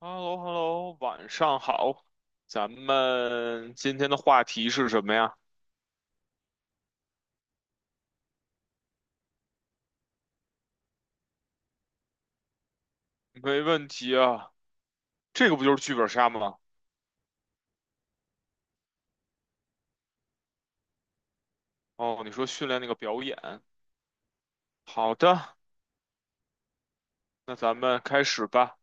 h e l l o h e l l o 晚上好。咱们今天的话题是什么呀？没问题啊，这个不就是剧本杀吗？哦，你说训练那个表演。好的，那咱们开始吧。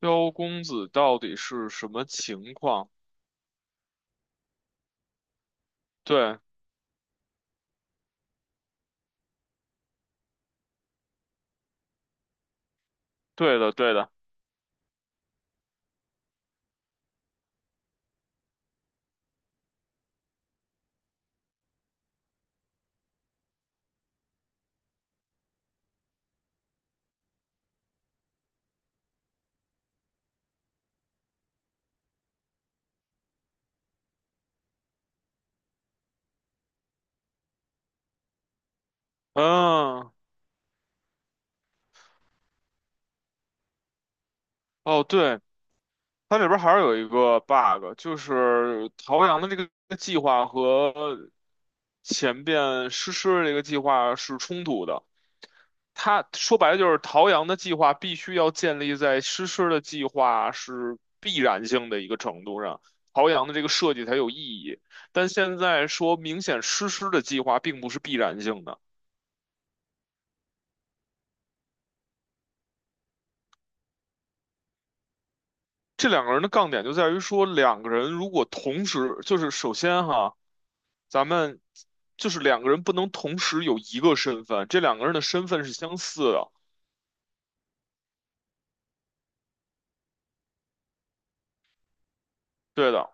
萧公子到底是什么情况？对，对的，对的。嗯，哦，对，它里边还是有一个 bug，就是陶阳的这个计划和前边诗诗的这个计划是冲突的。他说白了就是陶阳的计划必须要建立在诗诗的计划是必然性的一个程度上，陶阳的这个设计才有意义。但现在说明显诗诗的计划并不是必然性的，这两个人的杠点就在于说，两个人如果同时，就是首先哈，咱们就是两个人不能同时有一个身份，这两个人的身份是相似的，对的。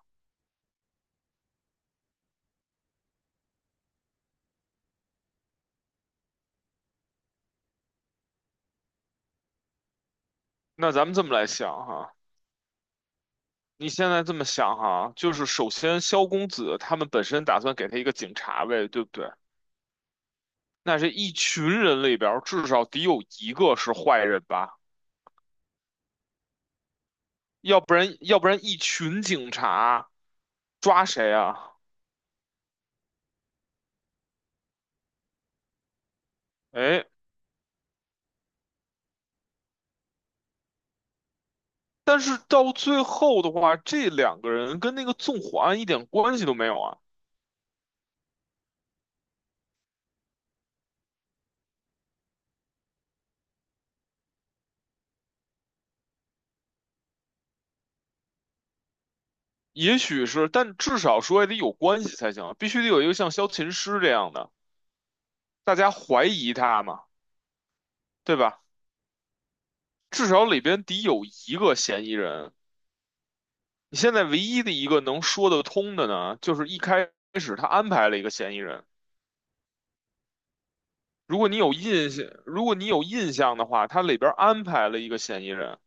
那咱们这么来想哈。你现在这么想哈，就是首先萧公子他们本身打算给他一个警察位，对不对？那这一群人里边儿至少得有一个是坏人吧？要不然，要不然一群警察抓谁啊？哎，但是到最后的话，这两个人跟那个纵火案一点关系都没有啊。也许是，但至少说也得有关系才行啊，必须得有一个像萧琴师这样的，大家怀疑他嘛，对吧？至少里边得有一个嫌疑人。你现在唯一的一个能说得通的呢，就是一开始他安排了一个嫌疑人。如果你有印象，如果你有印象的话，他里边安排了一个嫌疑人，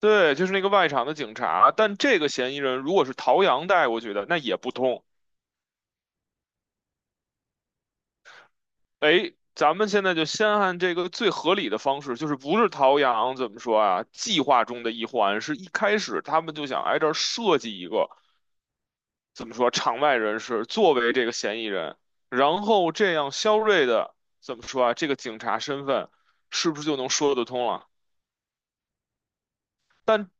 对，就是那个外场的警察。但这个嫌疑人如果是陶阳带过去的，那也不通。哎，咱们现在就先按这个最合理的方式，就是不是陶阳怎么说啊？计划中的一环，是一开始他们就想挨这儿设计一个怎么说场外人士作为这个嫌疑人，然后这样肖瑞的怎么说啊？这个警察身份是不是就能说得通了？但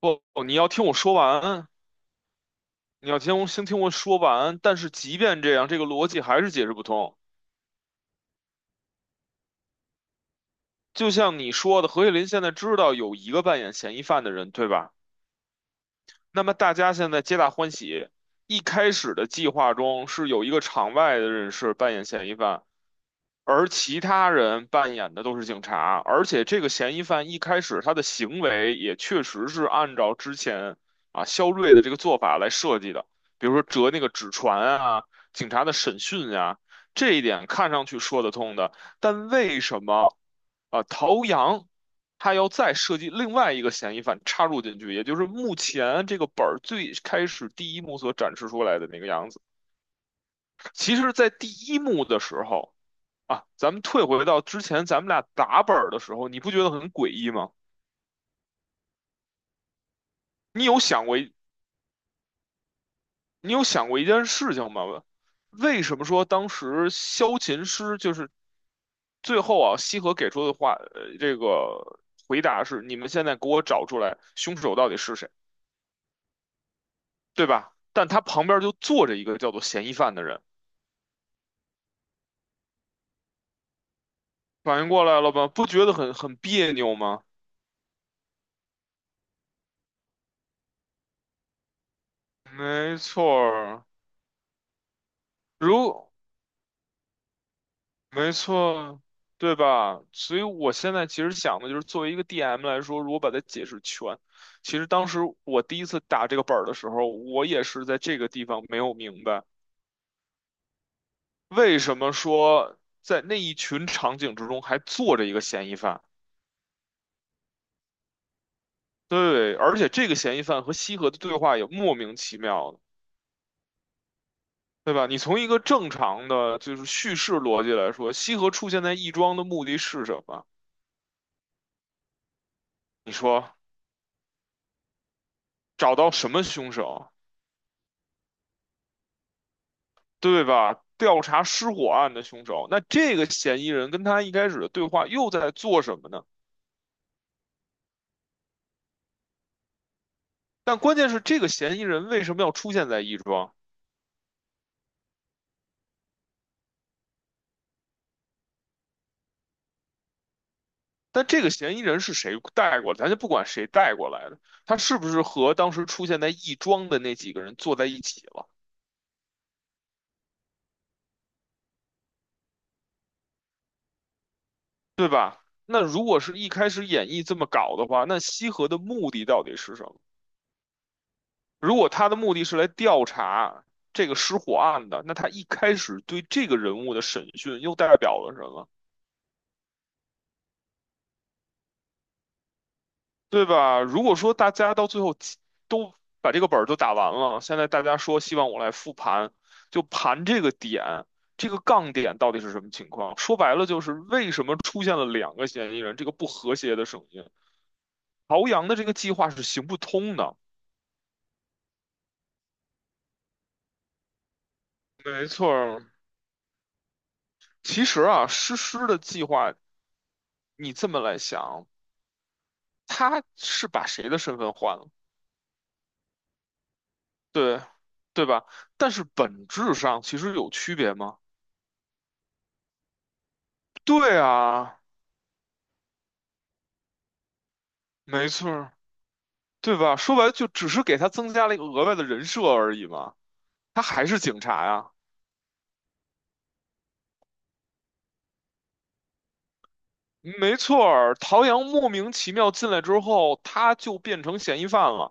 不，你要听我说完，你要听我先听我说完。但是即便这样，这个逻辑还是解释不通。就像你说的，何叶林现在知道有一个扮演嫌疑犯的人，对吧？那么大家现在皆大欢喜。一开始的计划中是有一个场外的人士扮演嫌疑犯，而其他人扮演的都是警察，而且这个嫌疑犯一开始他的行为也确实是按照之前啊肖瑞的这个做法来设计的，比如说折那个纸船啊，警察的审讯呀、这一点看上去说得通的，但为什么啊陶阳他要再设计另外一个嫌疑犯插入进去，也就是目前这个本儿最开始第一幕所展示出来的那个样子？其实，在第一幕的时候。啊，咱们退回到之前咱们俩打本儿的时候，你不觉得很诡异吗？你有想过一你有想过一件事情吗？为什么说当时萧琴师就是最后啊，西河给出的话，这个回答是你们现在给我找出来凶手到底是谁，对吧？但他旁边就坐着一个叫做嫌疑犯的人，反应过来了吧？不觉得很别扭吗？没错儿如没错，对吧？所以我现在其实想的就是，作为一个 DM 来说，如果把它解释全，其实当时我第一次打这个本儿的时候，我也是在这个地方没有明白，为什么说在那一群场景之中还坐着一个嫌疑犯。对，而且这个嫌疑犯和西河的对话也莫名其妙的，对吧？你从一个正常的就是叙事逻辑来说，西河出现在亦庄的目的是什么？你说找到什么凶手？对吧？调查失火案的凶手，那这个嫌疑人跟他一开始的对话又在做什么呢？但关键是这个嫌疑人为什么要出现在亦庄？但这个嫌疑人是谁带过来？咱就不管谁带过来的，他是不是和当时出现在亦庄的那几个人坐在一起了？那如果是一开始演绎这么搞的话，那西河的目的到底是什么？如果他的目的是来调查这个失火案的，那他一开始对这个人物的审讯又代表了什么？对吧？如果说大家到最后都把这个本儿都打完了，现在大家说希望我来复盘，就盘这个点，这个杠点到底是什么情况？说白了就是为什么出现了两个嫌疑人，这个不和谐的声音，朝阳的这个计划是行不通的。没错儿，其实啊，诗诗的计划，你这么来想，他是把谁的身份换了？对，对吧？但是本质上其实有区别吗？对啊，没错。对吧？说白了就只是给他增加了一个额外的人设而已嘛，他还是警察呀。没错儿，陶阳莫名其妙进来之后，他就变成嫌疑犯了，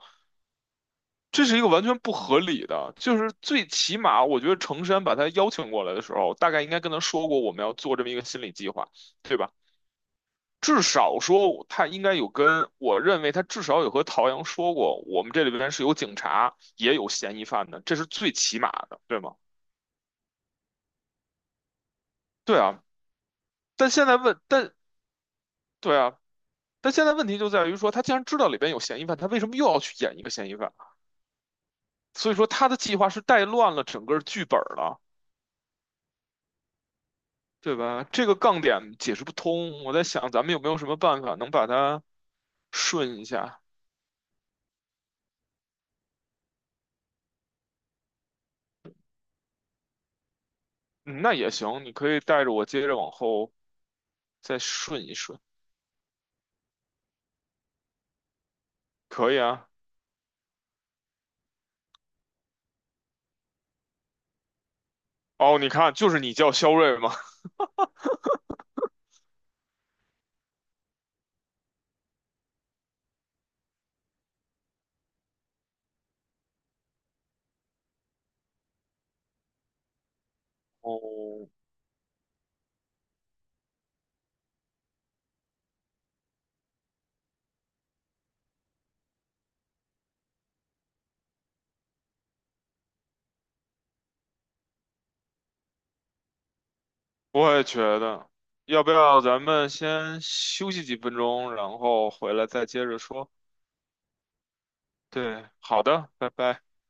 这是一个完全不合理的。就是最起码，我觉得程山把他邀请过来的时候，大概应该跟他说过我们要做这么一个心理计划，对吧？至少说他应该有跟，我认为他至少有和陶阳说过，我们这里边是有警察，也有嫌疑犯的，这是最起码的，对吗？对啊。但现在问，但对啊，但现在问题就在于说，他既然知道里边有嫌疑犯，他为什么又要去演一个嫌疑犯？所以说他的计划是带乱了整个剧本了，对吧？这个杠点解释不通。我在想，咱们有没有什么办法能把它顺一下？嗯，那也行，你可以带着我接着往后再顺一顺，可以啊。哦，你看，就是你叫肖瑞吗？哦，我也觉得，要不要咱们先休息几分钟，然后回来再接着说？对，好的，拜拜。